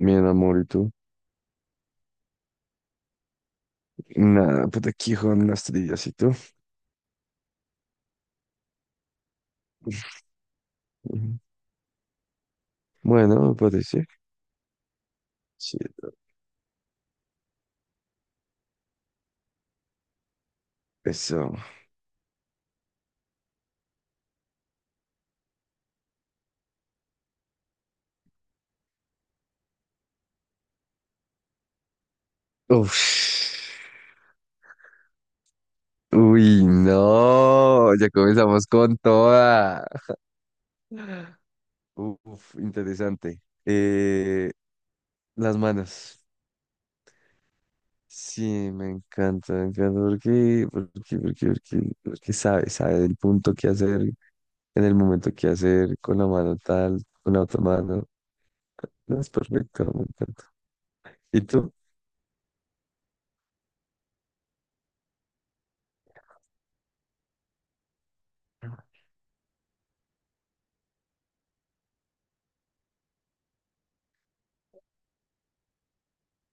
Bien, amor, ¿y tú? Nada, pues aquí con unas trillas, ¿y tú? Ujú. Bueno, me parece. Sí, eso. Uf. Uy, no, ya comenzamos con toda. Uf, interesante. Las manos. Sí, me encanta, me encanta. Porque sabe el punto que hacer, en el momento que hacer, con la mano tal, con la otra mano. No, es perfecto, me encanta. ¿Y tú?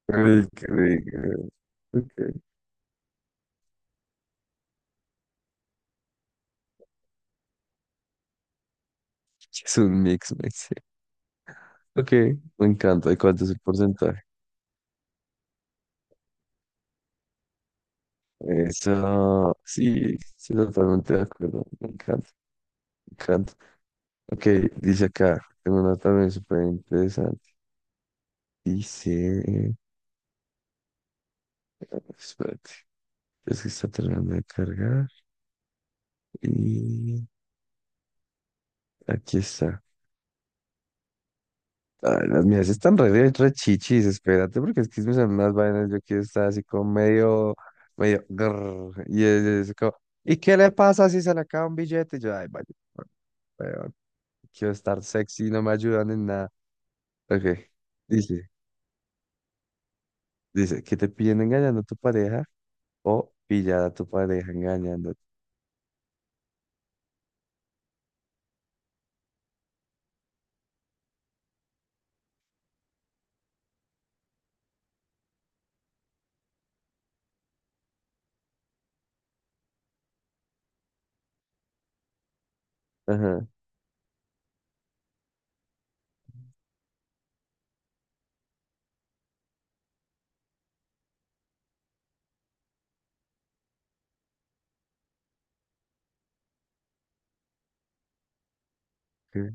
Ay, qué rico. Ok. Es un mix, mix dice. Ok, me encanta. ¿Y cuánto es el porcentaje? Eso, sí, sí, totalmente de acuerdo. Me encanta, me encanta. Ok, dice acá, tengo una también súper interesante. Dice, espérate, es que está terminando de cargar. Y aquí está. Ay, las mías están re, re chichis, espérate, porque es que mis salen unas vainas, yo quiero estar así como medio, medio, grrr, y es como, ¿y qué le pasa si se le acaba un billete? Y yo, ay, vaya, bueno, weón, quiero estar sexy, no me ayudan en nada. Ok, dice, dice, que te piden engañando a tu pareja o pillar a tu pareja engañándote. Ajá, ok.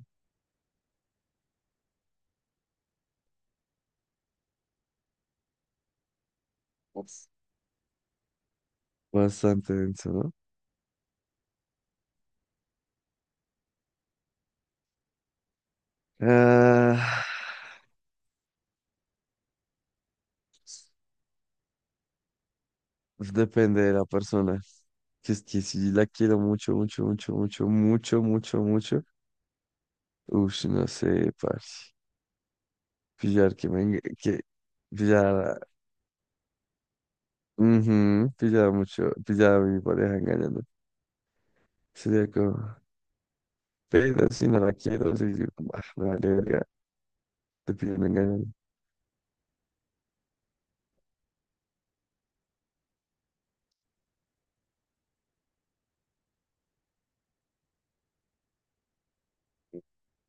Ups. Bastante denso, ¿no? Ah. Pues, depende de la persona. Que es que si la quiero mucho, mucho, mucho, mucho, mucho, mucho, mucho. Ush, no sé, parce. Pillar que me enga- que pillar, mhm Pillar mucho, pillar a mi pareja engañando. Sería como, pero si no la quiero, sí, yo como, ah, me vale verga, te pillan engañando.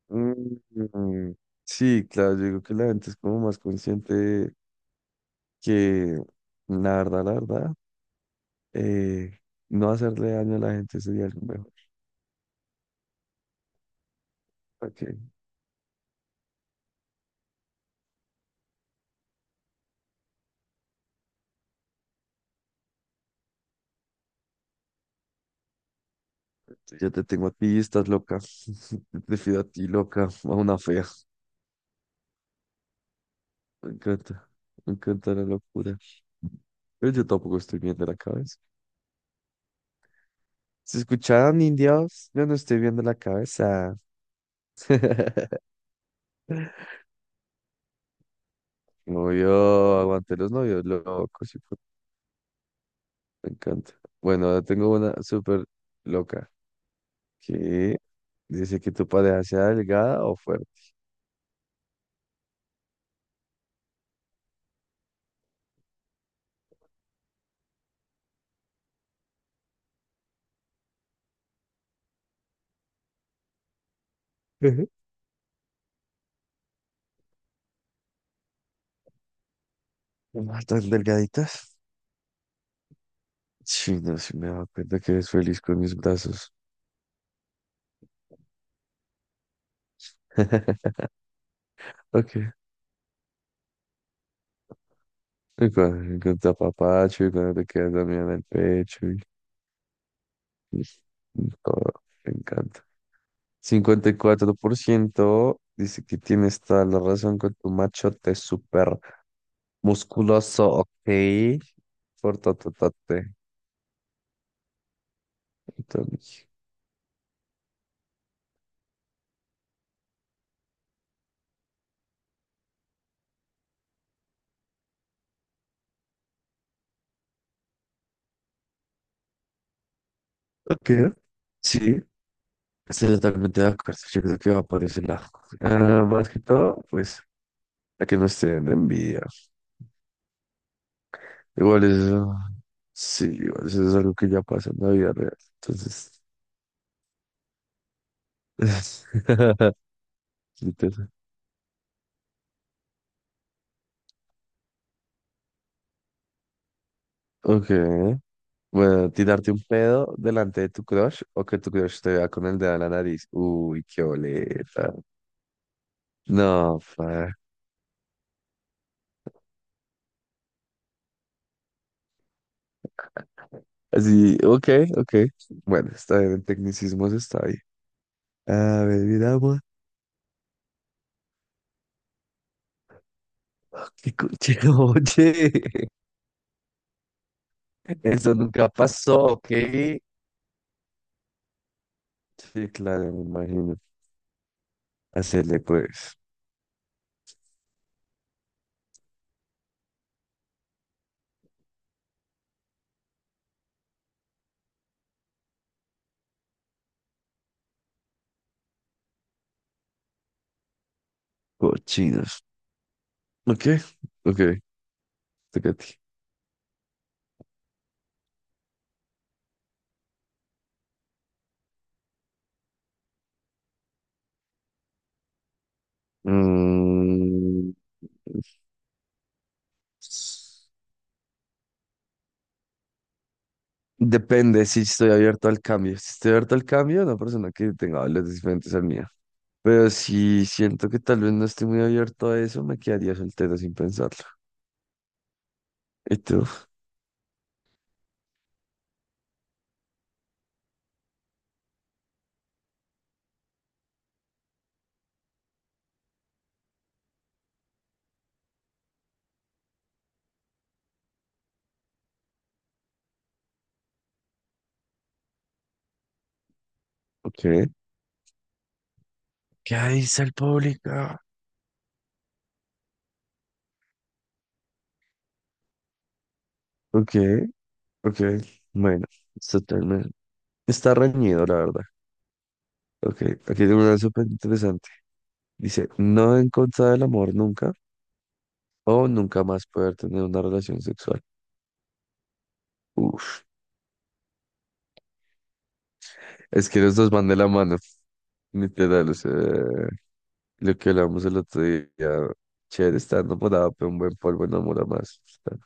Mm, sí, claro, yo digo que la gente es como más consciente que la verdad, la verdad, eh, no hacerle daño a la gente sería lo mejor. Yo te tengo a ti, estás loca. Te prefiero a ti, loca, a una fea. Me encanta, me encanta la locura. Pero yo tampoco estoy viendo la cabeza. ¿Se escucharon, indios? Yo no estoy viendo la cabeza. Novio, aguante los novios locos. Hijo- Me encanta. Bueno, ahora tengo una súper loca. Que dice que tu pareja sea delgada o fuerte. Ujú. Ah, ¿tan delgaditas? Sí, no, sí me da cuenta que eres feliz con mis brazos. Ok. Y con tu apapacho y cuando te quedas dormida en el pecho y, y y todo, me encanta. 54% dice que tienes toda la razón con tu machote súper musculoso, ok, por tototote. Entonces, ok, sí, estoy totalmente de acuerdo, yo creo que va por ese lado. Ah, más que todo, pues, a que no estén de envidia. Igual eso, sí, igual eso es algo que ya pasa en la vida real, entonces... Chistoso. Ok. Bueno, tirarte un pedo delante de tu crush o que tu crush te vea con el dedo en la nariz. Uy, qué boleta. No, fa. Así, ok, ok. Bueno, está bien, en tecnicismos está bien. A ver, miramos. Ah, qué coche, oye. Eso nunca pasó, ok. Sí, claro, me imagino. Hacerle, pues, cochinos. Ok, ok, toca a ti. Mm. Depende si estoy abierto al cambio. Si estoy abierto al cambio, una persona que tenga valores diferentes al mío. Pero si siento que tal vez no estoy muy abierto a eso, me quedaría soltero sin pensarlo. ¿Y tú? Ok. ¿Qué dice el público? Ok, ok. Bueno, es totalmente. Está reñido, la verdad. Ok, aquí tengo una súper interesante. Dice, no en contra del amor nunca o nunca más poder tener una relación sexual. Uf, es que los dos van de la mano, literal, o sea, lo que hablamos el otro día, chévere, está enamorado, pero un buen polvo enamora más. Está-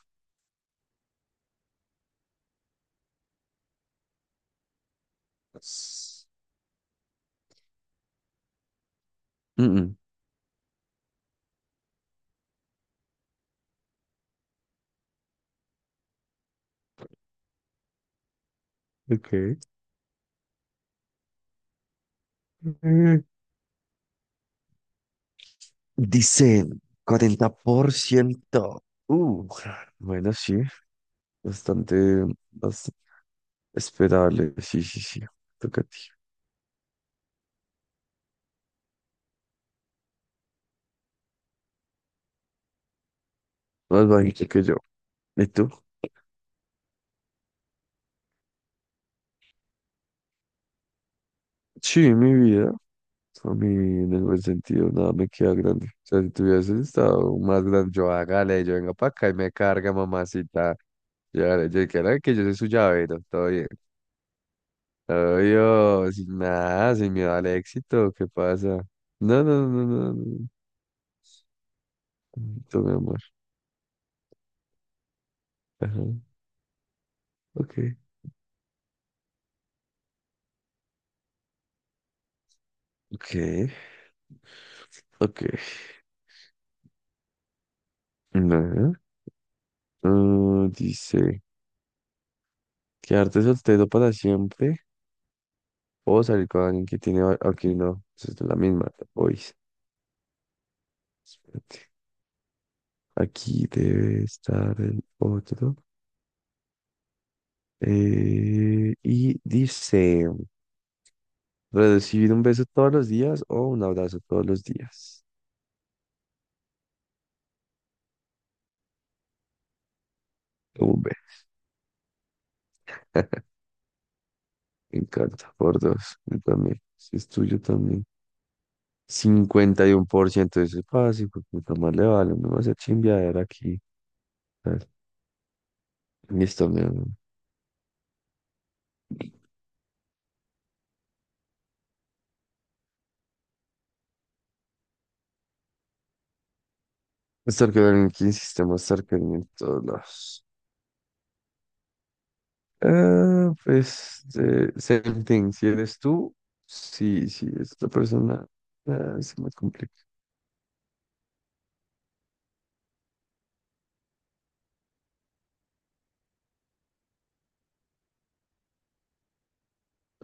Mm, mm. Ok. Mm. Dice 40%. Bueno, sí, bastante, bastante esperable. Sí, sí, sí. Toca a ti. Más bajito que yo. ¿Y tú? Sí, mi vida. A mí, en el buen sentido, nada me queda grande. O sea, si tuvieses estado más grande, yo hágale, yo venga para acá y me carga, mamacita. Ya, yo creo que yo soy su llavero, todo bien. Obvio, sin nada, sin miedo al éxito, ¿qué pasa? No, no, no, no, no. Tú, mi amor. Ajá. Ok, ok, ok. Ajá. Mm, dice, quedarte soltero para siempre o salir con alguien que tiene... va- Ok, no, esa es la misma. Hoy. Aquí debe estar el otro. Y dice... Recibir un beso todos los días o un abrazo todos los días. Un beso. Me encanta. Por dos. Yo también. Si es tuyo también. 51% de ese fácil, pues puta más le vale. No vas a chimbear aquí. A ver, listo, mi amor. Stalker Que insiste stalker en todos lados. Ah, pues, same thing. Si eres tú, sí, sí, es otra persona. Ah, se me complica.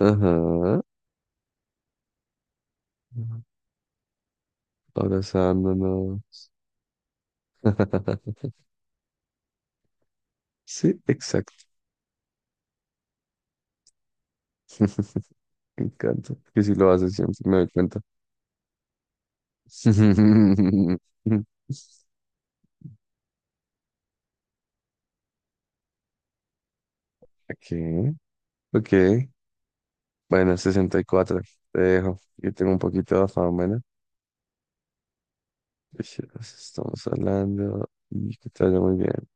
Ajá. Abrazándonos. Sí, exacto. Me encanta. Que si lo haces siempre me doy cuenta. Ok, ok. Bueno, 64. Te dejo. Yo tengo un poquito de afán, bueno. Estamos hablando y que te vaya muy bien.